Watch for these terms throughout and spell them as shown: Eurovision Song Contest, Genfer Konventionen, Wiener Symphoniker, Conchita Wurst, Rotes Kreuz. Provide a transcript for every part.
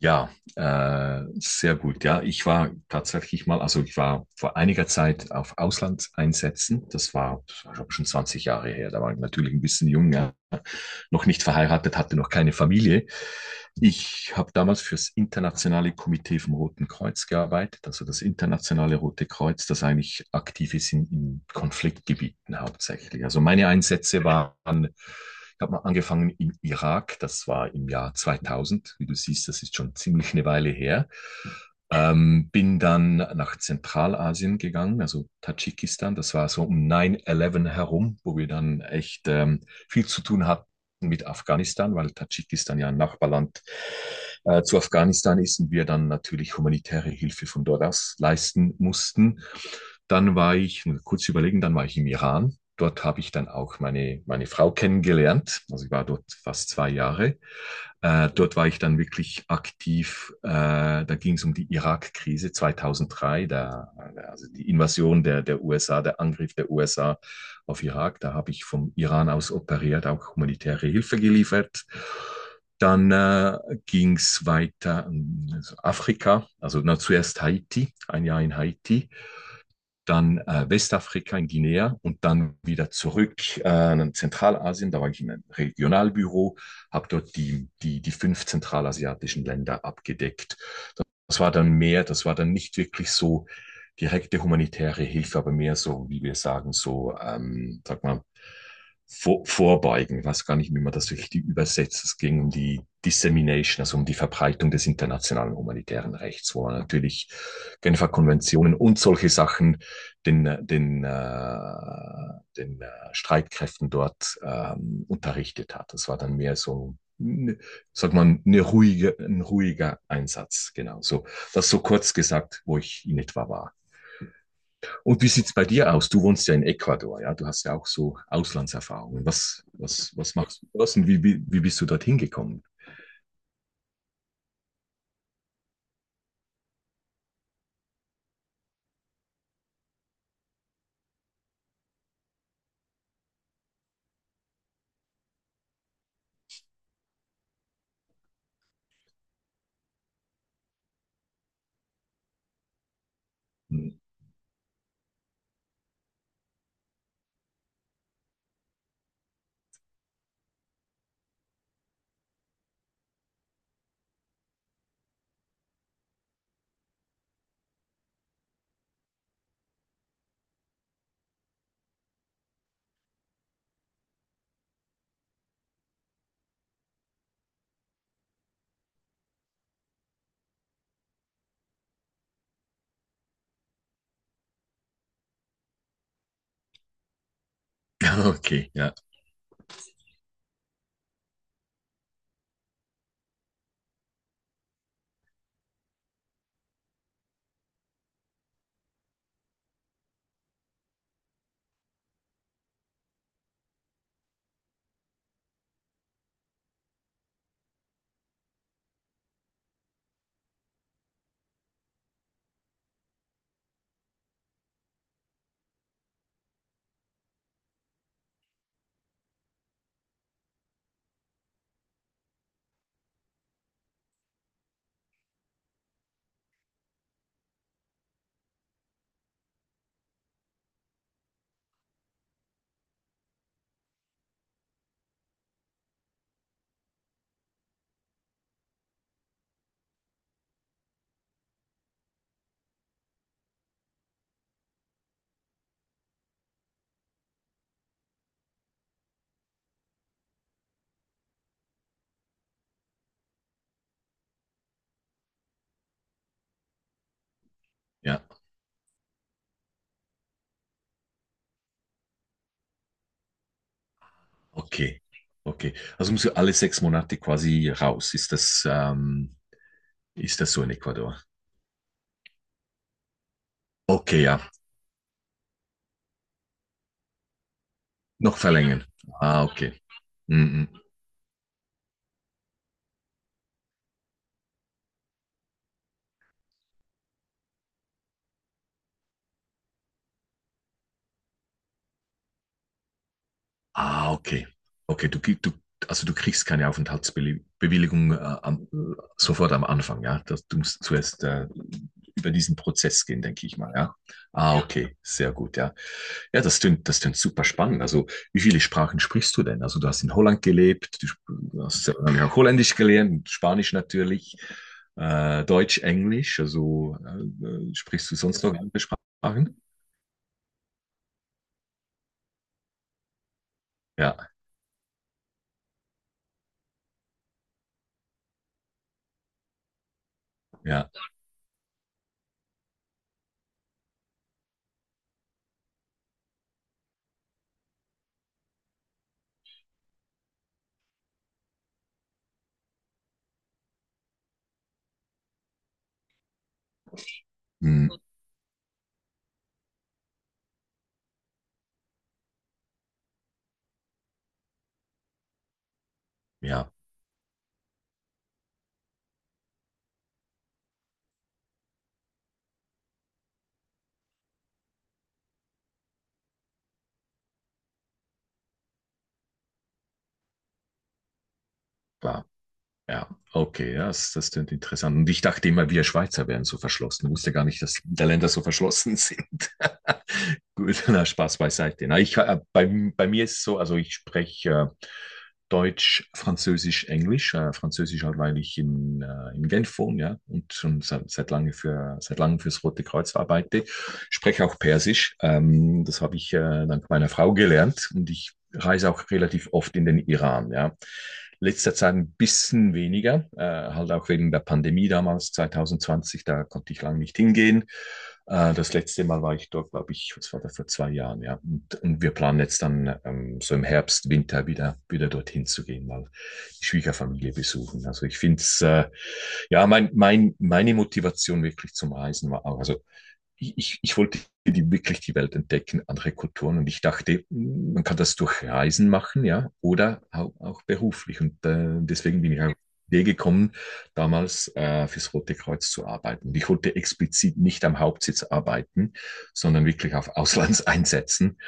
Ja, sehr gut. Ja, ich war tatsächlich mal, also ich war vor einiger Zeit auf Auslandseinsätzen. Das war schon 20 Jahre her. Da war ich natürlich ein bisschen jung, ja noch nicht verheiratet, hatte noch keine Familie. Ich habe damals fürs internationale Komitee vom Roten Kreuz gearbeitet, also das internationale Rote Kreuz, das eigentlich aktiv ist in Konfliktgebieten hauptsächlich. Also meine Einsätze waren, ich habe mal angefangen im Irak, das war im Jahr 2000. Wie du siehst, das ist schon ziemlich eine Weile her. Bin dann nach Zentralasien gegangen, also Tadschikistan. Das war so um 9-11 herum, wo wir dann echt viel zu tun hatten mit Afghanistan, weil Tadschikistan ja ein Nachbarland zu Afghanistan ist und wir dann natürlich humanitäre Hilfe von dort aus leisten mussten. Dann war ich, kurz überlegen, dann war ich im Iran. Dort habe ich dann auch meine Frau kennengelernt. Also ich war dort fast 2 Jahre. Dort war ich dann wirklich aktiv. Da ging es um die Irak-Krise 2003, da, also die Invasion der USA, der Angriff der USA auf Irak. Da habe ich vom Iran aus operiert, auch humanitäre Hilfe geliefert. Dann ging es weiter in also Afrika, also na, zuerst Haiti, ein Jahr in Haiti, dann Westafrika in Guinea, und dann wieder zurück in Zentralasien. Da war ich in einem Regionalbüro, habe dort die fünf zentralasiatischen Länder abgedeckt. Das war dann mehr, das war dann nicht wirklich so direkte humanitäre Hilfe, aber mehr so, wie wir sagen, so, sag mal, vorbeugen. Ich weiß gar nicht, wie man das richtig übersetzt. Es ging um die Dissemination, also um die Verbreitung des internationalen humanitären Rechts, wo natürlich Genfer Konventionen und solche Sachen den Streitkräften dort unterrichtet hat. Das war dann mehr so, ne, sagt man, ein ruhiger Einsatz. Genau, so. Das so kurz gesagt, wo ich in etwa war. Und wie sieht's bei dir aus? Du wohnst ja in Ecuador, ja? Du hast ja auch so Auslandserfahrungen. Was machst du dort, und wie bist du dorthin gekommen? Okay, ja, ja, okay. Okay, also musst du alle 6 Monate quasi raus. Ist das so in Ecuador? Okay, ja. Noch verlängern. Ah, okay. Mhm. Ah, okay. Okay, also du kriegst keine Aufenthaltsbewilligung sofort am Anfang, ja. Du musst zuerst über diesen Prozess gehen, denke ich mal, ja. Ah, ja. Okay, sehr gut, ja. Ja, das klingt super spannend. Also, wie viele Sprachen sprichst du denn? Also, du hast in Holland gelebt, du hast ja wahrscheinlich auch Holländisch gelernt, Spanisch natürlich, Deutsch, Englisch. Also, sprichst du sonst noch andere Sprachen? Ja. Ja, hm, ja, war, ja, okay, ja, das klingt interessant. Und ich dachte immer, wir Schweizer wären so verschlossen. Ich wusste gar nicht, dass die Länder so verschlossen sind. Gut, na, Spaß beiseite. Na, bei mir ist es so, also ich spreche Deutsch, Französisch, Englisch. Französisch halt, weil ich in Genf wohne, ja, und schon seit langem fürs Rote Kreuz arbeite. Spreche auch Persisch. Das habe ich dank meiner Frau gelernt, und ich reise auch relativ oft in den Iran, ja. Letzter Zeit ein bisschen weniger, halt auch wegen der Pandemie damals, 2020, da konnte ich lange nicht hingehen. Das letzte Mal war ich dort, glaube ich, was war da vor 2 Jahren, ja. Und wir planen jetzt dann so im Herbst, Winter wieder dorthin zu gehen, mal die Schwiegerfamilie besuchen. Also ich finde es, ja, meine Motivation wirklich zum Reisen war auch, also ich wollte die wirklich die Welt entdecken, andere Kulturen. Und ich dachte, man kann das durch Reisen machen, ja, oder auch beruflich. Und deswegen bin ich auf die Idee gekommen, damals fürs Rote Kreuz zu arbeiten. Und ich wollte explizit nicht am Hauptsitz arbeiten, sondern wirklich auf Auslandseinsätzen,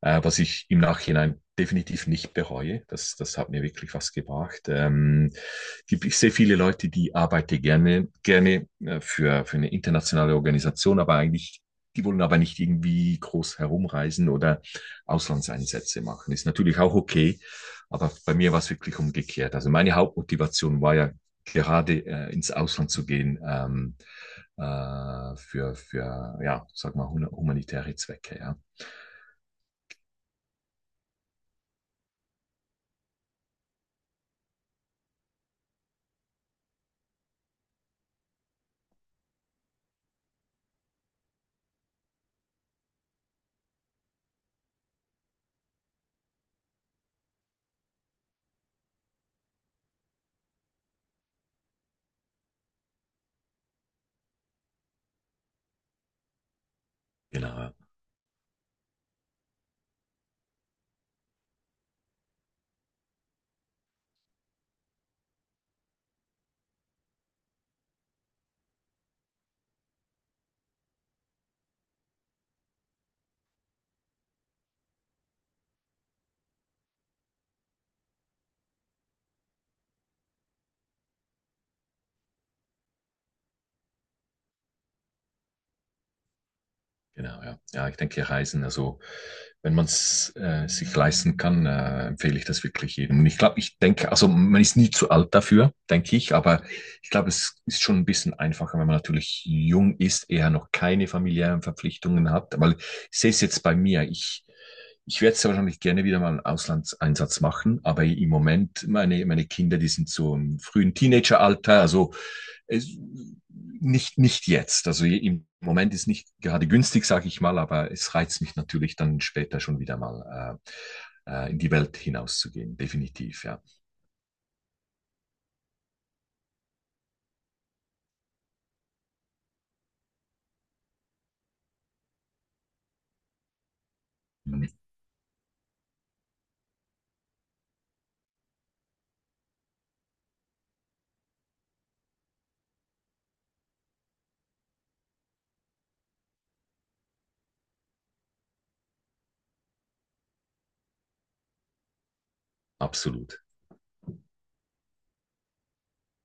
was ich im Nachhinein definitiv nicht bereue. Das hat mir wirklich was gebracht. Ich sehe viele Leute, die arbeiten gerne, für eine internationale Organisation, aber eigentlich, die wollen aber nicht irgendwie groß herumreisen oder Auslandseinsätze machen. Ist natürlich auch okay, aber bei mir war es wirklich umgekehrt. Also meine Hauptmotivation war ja gerade ins Ausland zu gehen, für, ja, sag mal, humanitäre Zwecke, ja. Genau. Genau, ja. Ja, ich denke, Reisen, also wenn man es sich leisten kann, empfehle ich das wirklich jedem. Und ich glaube, ich denke, also man ist nie zu alt dafür, denke ich, aber ich glaube, es ist schon ein bisschen einfacher, wenn man natürlich jung ist, eher noch keine familiären Verpflichtungen hat, weil ich sehe es jetzt bei mir, ich werde sehr wahrscheinlich gerne wieder mal einen Auslandseinsatz machen, aber im Moment, meine Kinder, die sind so im frühen Teenageralter, also nicht, nicht jetzt. Also im Moment ist nicht gerade günstig, sage ich mal, aber es reizt mich natürlich dann später schon wieder mal in die Welt hinauszugehen, definitiv, ja. Mhm. Absolut.